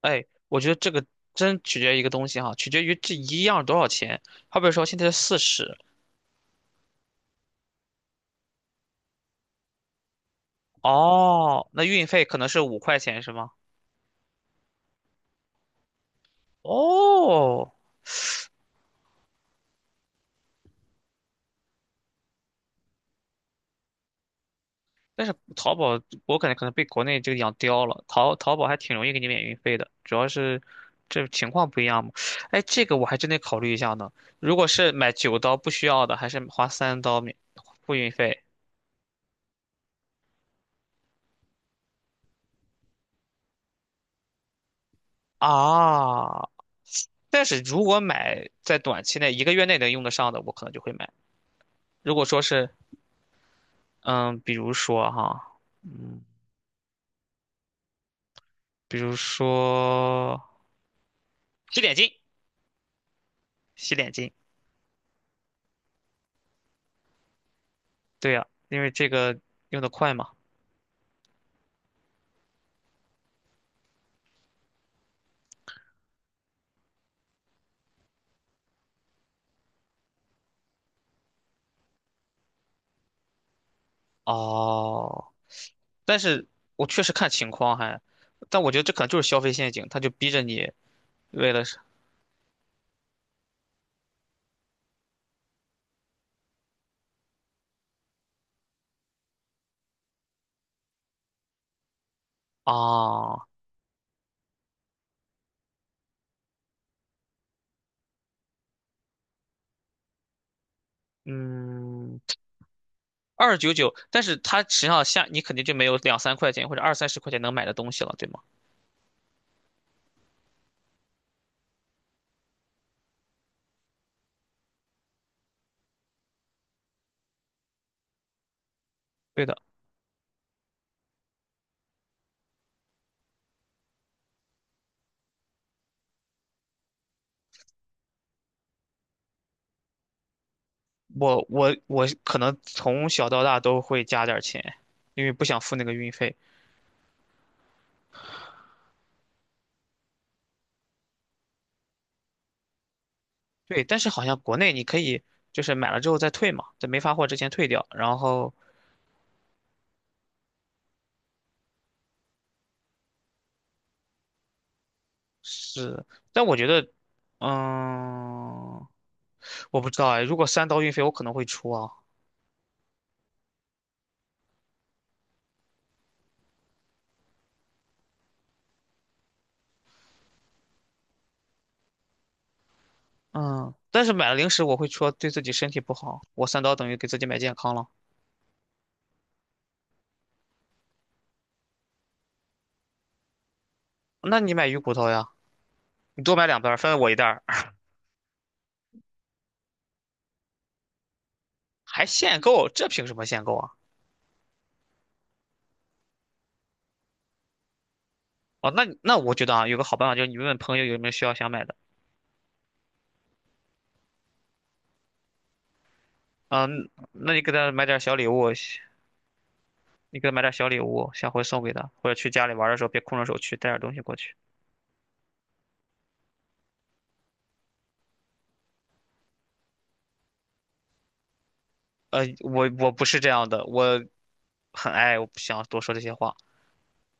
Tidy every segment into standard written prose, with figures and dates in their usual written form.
哎，我觉得这个真取决于一个东西哈，取决于这一样多少钱。好比说现在是四十，哦，那运费可能是5块钱是吗？哦，但是淘宝我感觉可能被国内这个养刁了，淘宝还挺容易给你免运费的，主要是这情况不一样嘛。哎，这个我还真得考虑一下呢。如果是买9刀不需要的，还是花三刀免付运费啊？但是如果买在短期内一个月内能用得上的，我可能就会买。如果说是嗯，比如说哈，比如说洗脸巾，洗脸巾，对呀，因为这个用得快嘛。哦，但是我确实看情况还，但我觉得这可能就是消费陷阱，他就逼着你为了是哦，嗯，299，但是它实际上下你肯定就没有两三块钱或者二三十块钱能买的东西了，对吗？对的，我可能从小到大都会加点儿钱，因为不想付那个运费。对，但是好像国内你可以就是买了之后再退嘛，在没发货之前退掉。然后是，但我觉得，嗯，我不知道哎，如果三刀运费我可能会出啊，嗯，但是买了零食我会说对自己身体不好，我三刀等于给自己买健康了。那你买鱼骨头呀，你多买两袋儿分我一袋儿，还限购，这凭什么限购啊？哦，那我觉得啊，有个好办法就是你问问朋友有没有需要想买的，嗯，那你给他买点儿小礼物，你给他买点小礼物，下回送给他，或者去家里玩的时候别空着手去，带点东西过去。我不是这样的，我很爱，我不想多说这些话，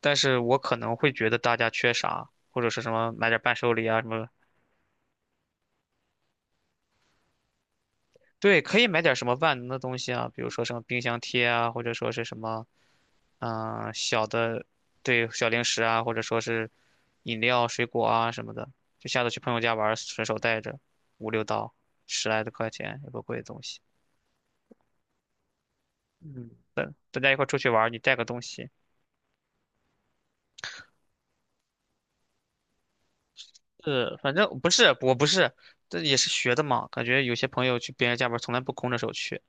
但是我可能会觉得大家缺啥，或者是什么买点伴手礼啊什么，对，可以买点什么万能的东西啊，比如说什么冰箱贴啊，或者说是什么，小的，对，小零食啊，或者说是饮料、水果啊什么的，就下次去朋友家玩，顺手带着五六刀，十来的块钱，也不贵的东西。嗯。大家一块儿出去玩儿你带个东西。是，反正不是，我不是，这也是学的嘛。感觉有些朋友去别人家玩儿从来不空着手去。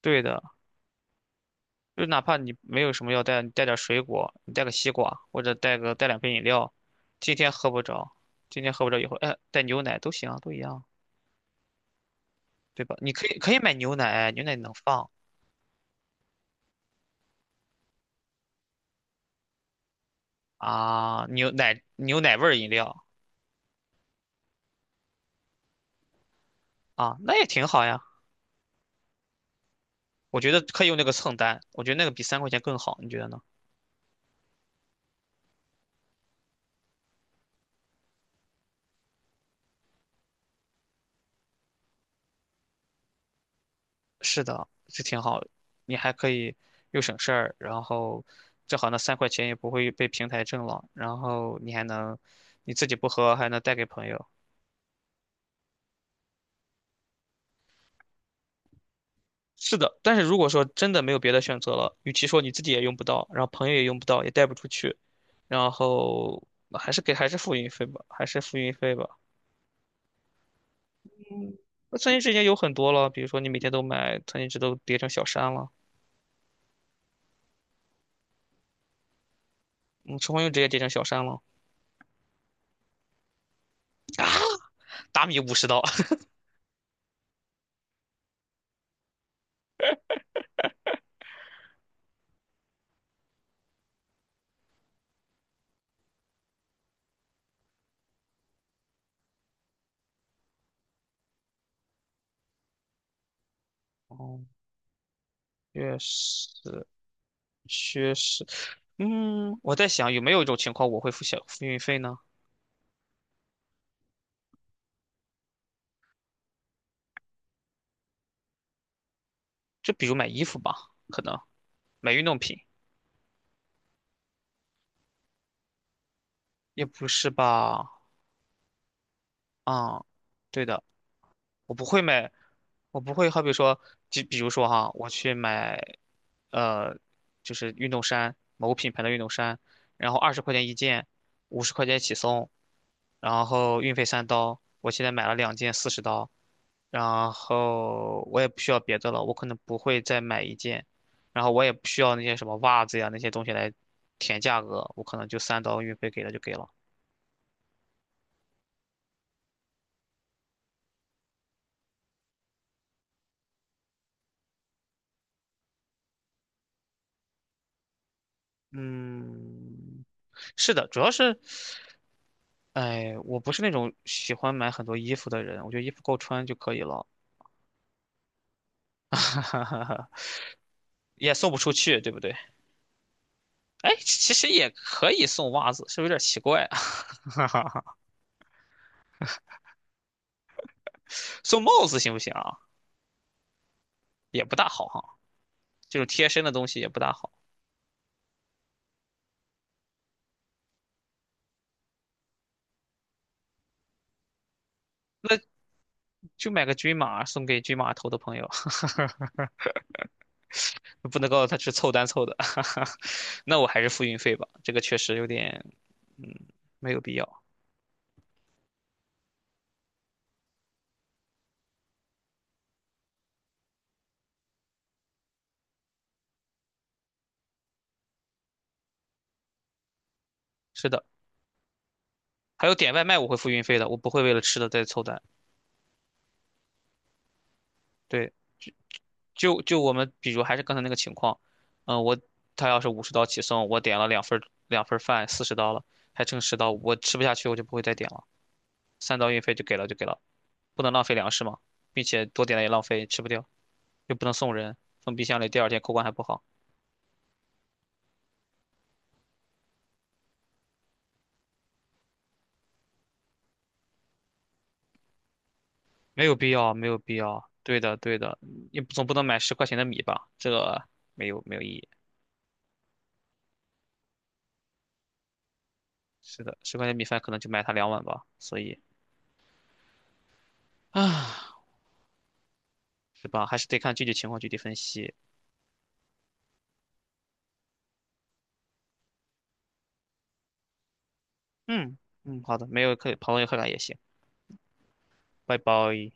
对的，就哪怕你没有什么要带，你带点儿水果，你带个西瓜，或者带个带两瓶饮料。今天喝不着，今天喝不着以后，哎，带牛奶都行啊，都一样，对吧？你可以买牛奶，牛奶能放啊，牛奶味儿饮料啊，那也挺好呀。我觉得可以用那个蹭单，我觉得那个比三块钱更好，你觉得呢？是的，这挺好，你还可以又省事儿，然后正好那三块钱也不会被平台挣了，然后你还能你自己不喝，还能带给朋友。是的，但是如果说真的没有别的选择了，与其说你自己也用不到，然后朋友也用不到，也带不出去，然后还是付运费吧，还是付运费吧。嗯，那餐巾纸已经有很多了，比如说你每天都买餐巾纸都叠成小山了，嗯，厨房用纸也叠成小山了，啊，达米五十刀。哦，确实，确实，我在想有没有一种情况我会付小付运费呢？就比如买衣服吧，可能买运动品也不是吧？啊、对的，我不会买，我不会好比说，就比如说哈，我去买呃，就是运动衫，某品牌的运动衫，然后20块钱一件，50块钱起送，然后运费三刀，我现在买了两件四十刀，然后我也不需要别的了，我可能不会再买一件，然后我也不需要那些什么袜子呀那些东西来填价格，我可能就三刀运费给了就给了。嗯，是的，主要是，哎，我不是那种喜欢买很多衣服的人，我觉得衣服够穿就可以了，也送不出去，对不对？哎，其实也可以送袜子，是不是有点奇怪啊？送帽子行不行啊？也不大好哈，这种贴身的东西也不大好。那就买个均码送给均码头的朋友，不能告诉他是凑单凑的，那我还是付运费吧，这个确实有点，嗯，没有必要。是的，还有点外卖我会付运费的，我不会为了吃的再凑单。对，就我们比如还是刚才那个情况，嗯，他要是五十刀起送，我点了两份儿饭，四十刀了，还剩十刀，我吃不下去我就不会再点了，三刀运费就给了就给了，不能浪费粮食嘛，并且多点了也浪费，吃不掉，又不能送人，放冰箱里第二天口感还不好。没有必要，没有必要。对的，对的，你总不能买十块钱的米吧？这个没有意义。是的，十块钱米饭可能就买它两碗吧，所以啊，是吧？还是得看具体情况具体分析。嗯嗯，好的，没有客朋友客感也行，拜拜。